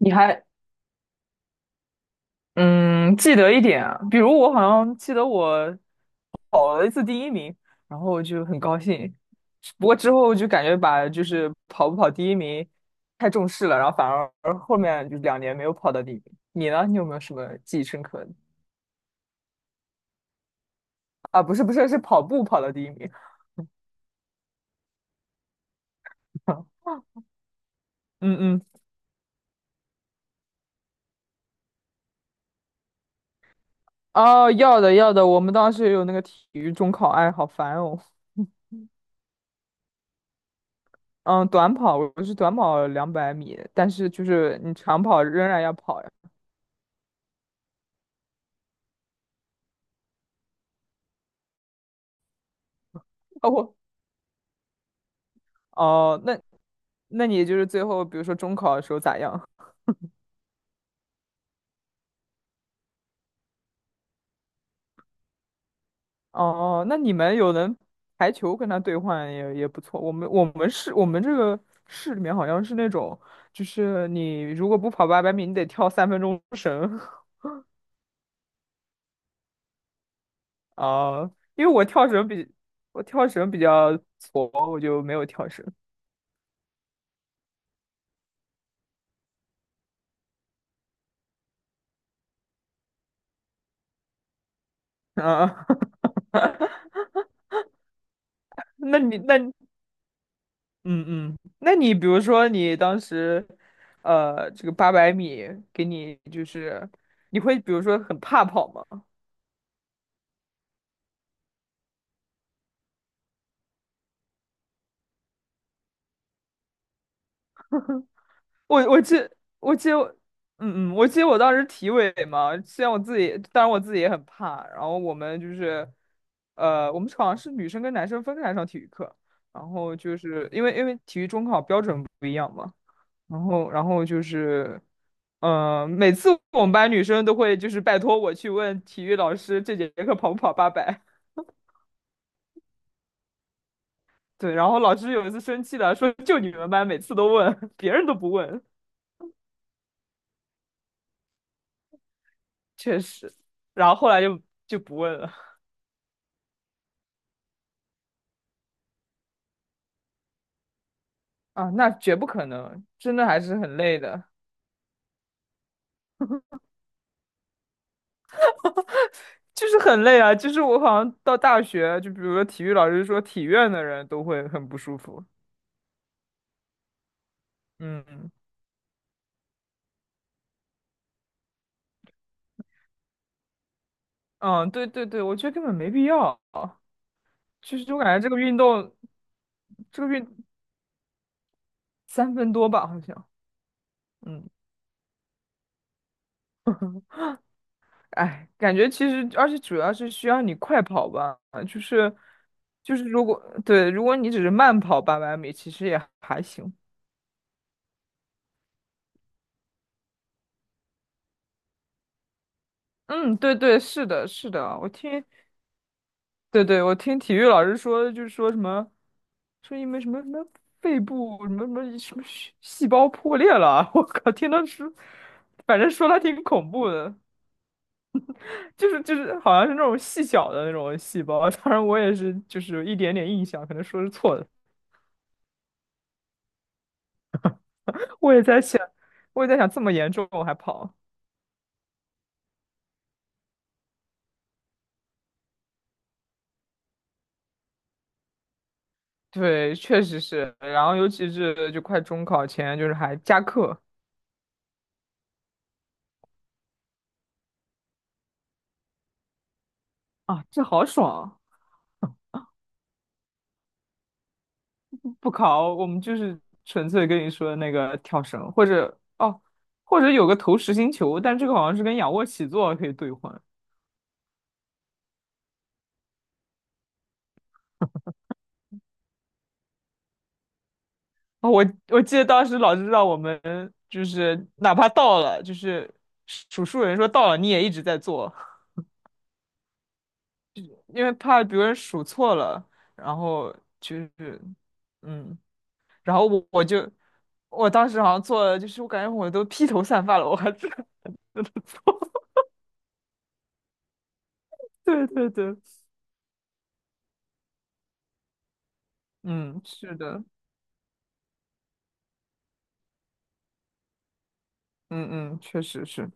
你还嗯记得一点啊，比如我好像记得我跑了一次第一名，然后我就很高兴。不过之后就感觉就是跑不跑第一名太重视了，然后反而后面就2年没有跑到第一名。你呢？你有没有什么记忆深刻的？啊，不是不是，是跑步跑到第一名。嗯嗯，哦，要的要的，我们当时也有那个体育中考，哎，好烦哦。嗯，短跑我是短跑200米，但是就是你长跑仍然要跑呀。哦，我哦，那你就是最后，比如说中考的时候咋样？哦，那你们有人排球跟他兑换也不错。我们这个市里面好像是那种，就是你如果不跑八百米，你得跳3分钟绳。啊。因为我跳绳比较矬，我就没有跳绳。啊，那你那嗯嗯，那你比如说你当时，这个八百米给你就是，你会比如说很怕跑吗？我我记我记我，我记得我当时体委嘛，虽然我自己，当然我自己也很怕，然后我们就是，我们好像是女生跟男生分开上体育课，然后就是因为体育中考标准不一样嘛，然后就是，每次我们班女生都会就是拜托我去问体育老师这节课跑不跑八百。对，然后老师有一次生气了，说就你们班每次都问，别人都不问，确实。然后后来就不问了啊，那绝不可能，真的还是很累的，就是很累啊。就是我好像到大学，就比如说体育老师说体院的人都会很不舒服。嗯嗯，对对对，我觉得根本没必要。其实我感觉这个运动，这个运三分多吧，好像，嗯，哎，感觉其实，而且主要是需要你快跑吧，就是就是对，如果你只是慢跑八百米，其实也还行。嗯，对对，是的，是的，对对，我听体育老师说，就是说什么，说因为什么什么肺部什么什么什么细胞破裂了，我靠，听他说，反正说他挺恐怖的。就是好像是那种细小的那种细胞，当然我也是就是有一点点印象，可能说是错的。我也在想，我也在想这么严重我还跑？对，确实是。然后尤其是就快中考前，就是还加课啊，这好爽啊不考，我们就是纯粹跟你说的那个跳绳，或者哦，或者有个投实心球，但这个好像是跟仰卧起坐可以兑换。哦，我记得当时老师让我们就是哪怕到了，就是数数人说到了，你也一直在做，因为怕别人数错了，然后就是嗯，然后我当时好像做了，就是我感觉我都披头散发了，我还是 对对对，嗯，是的，嗯嗯，确实是，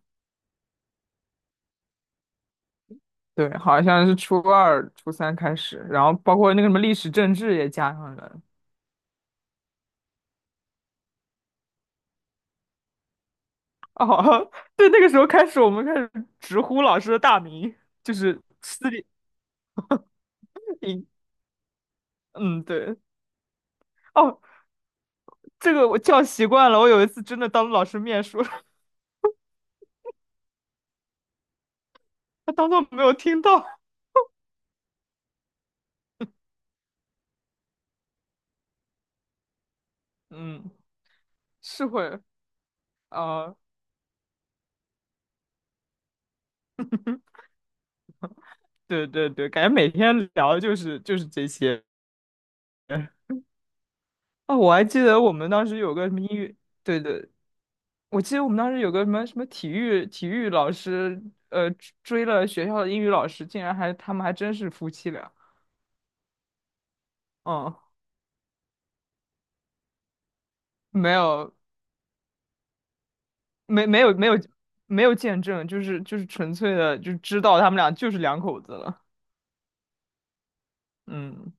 对，好像是初二、初三开始，然后包括那个什么历史政治也加上了，哦，对，那个时候开始，我们开始直呼老师的大名，就是私立，嗯，嗯对，哦，这个我叫习惯了。我有一次真的当着老师面说，他当做没有听到。嗯，是会，啊、对对对，感觉每天聊的就是这些。哦，我还记得我们当时有个什么英语，对对，我记得我们当时有个什么什么体育老师，呃，追了学校的英语老师，竟然他们还真是夫妻俩。嗯，没有。没没有没有没有见证，就是纯粹的就知道他们俩就是两口子了。嗯，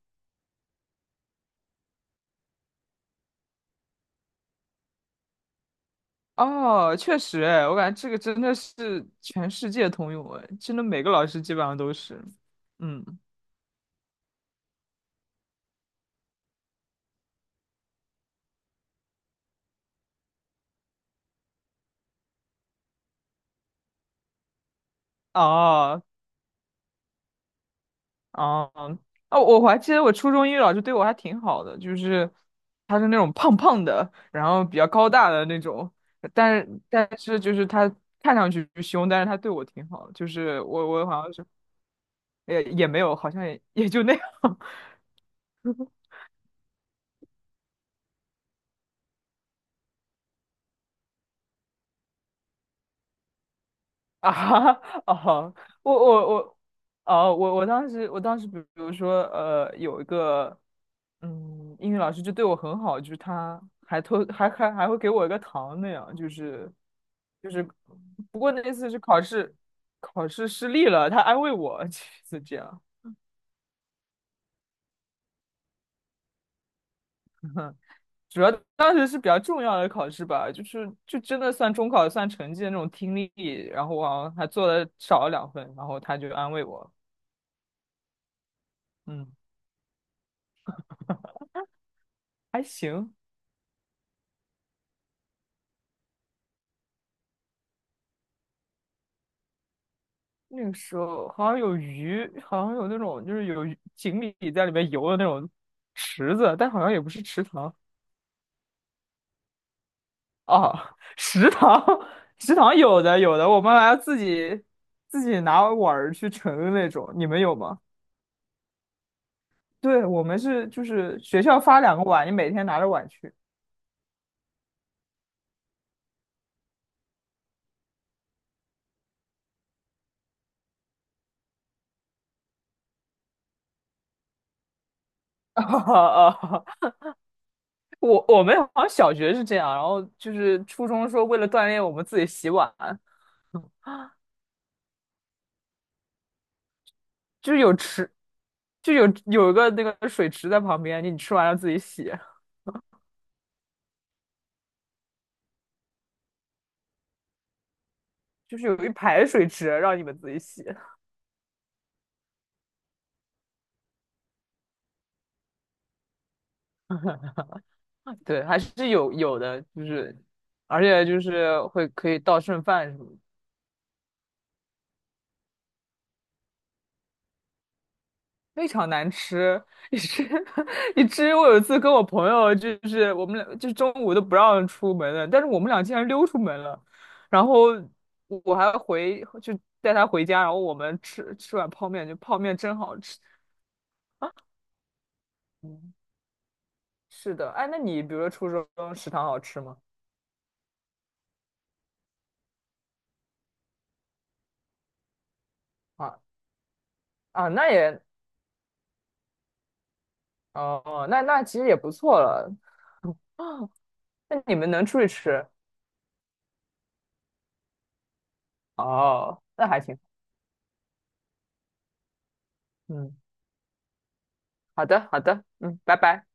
哦，确实，哎，我感觉这个真的是全世界通用，哎，真的每个老师基本上都是。嗯，哦哦哦，我还记得我初中英语老师对我还挺好的，就是他是那种胖胖的，然后比较高大的那种，但是就是他看上去凶，但是他对我挺好的，就是我好像是。也没有，好像也就那样 啊。哦，我我我，我当时，比如说，有一个，英语老师就对我很好，就是他还偷还还还会给我一个糖那样，就是，不过那次是考试失利了，他安慰我，就是这样。主要当时是比较重要的考试吧，就是就真的算中考算成绩的那种听力，然后我好像还做了少了2分，然后他就安慰我，嗯，还行。那个时候好像有鱼，好像有那种就是有鱼锦鲤在里面游的那种池子，但好像也不是池塘哦，食堂 食堂有的有的，我们还要自己拿碗儿去盛的那种，你们有吗？对，我们是就是学校发2个碗，你每天拿着碗去。哦，我们好像小学是这样，然后就是初中说为了锻炼我们自己洗碗，就是就有一个那个水池在旁边，你吃完了自己洗，就是有一排水池让你们自己洗。对，还是有的，就是而且就是会可以倒剩饭什么的。非常难吃，以至 以至于 我有一次跟我朋友，就是我们俩，就是中午都不让出门了，但是我们俩竟然溜出门了，然后我就带他回家，然后我们吃吃碗泡面，就泡面真好吃。嗯，是的，哎，那你比如说初中食堂好吃吗？啊啊，哦，那其实也不错了。那你们能出去吃哦，那还行。嗯，好的好的，嗯，拜拜。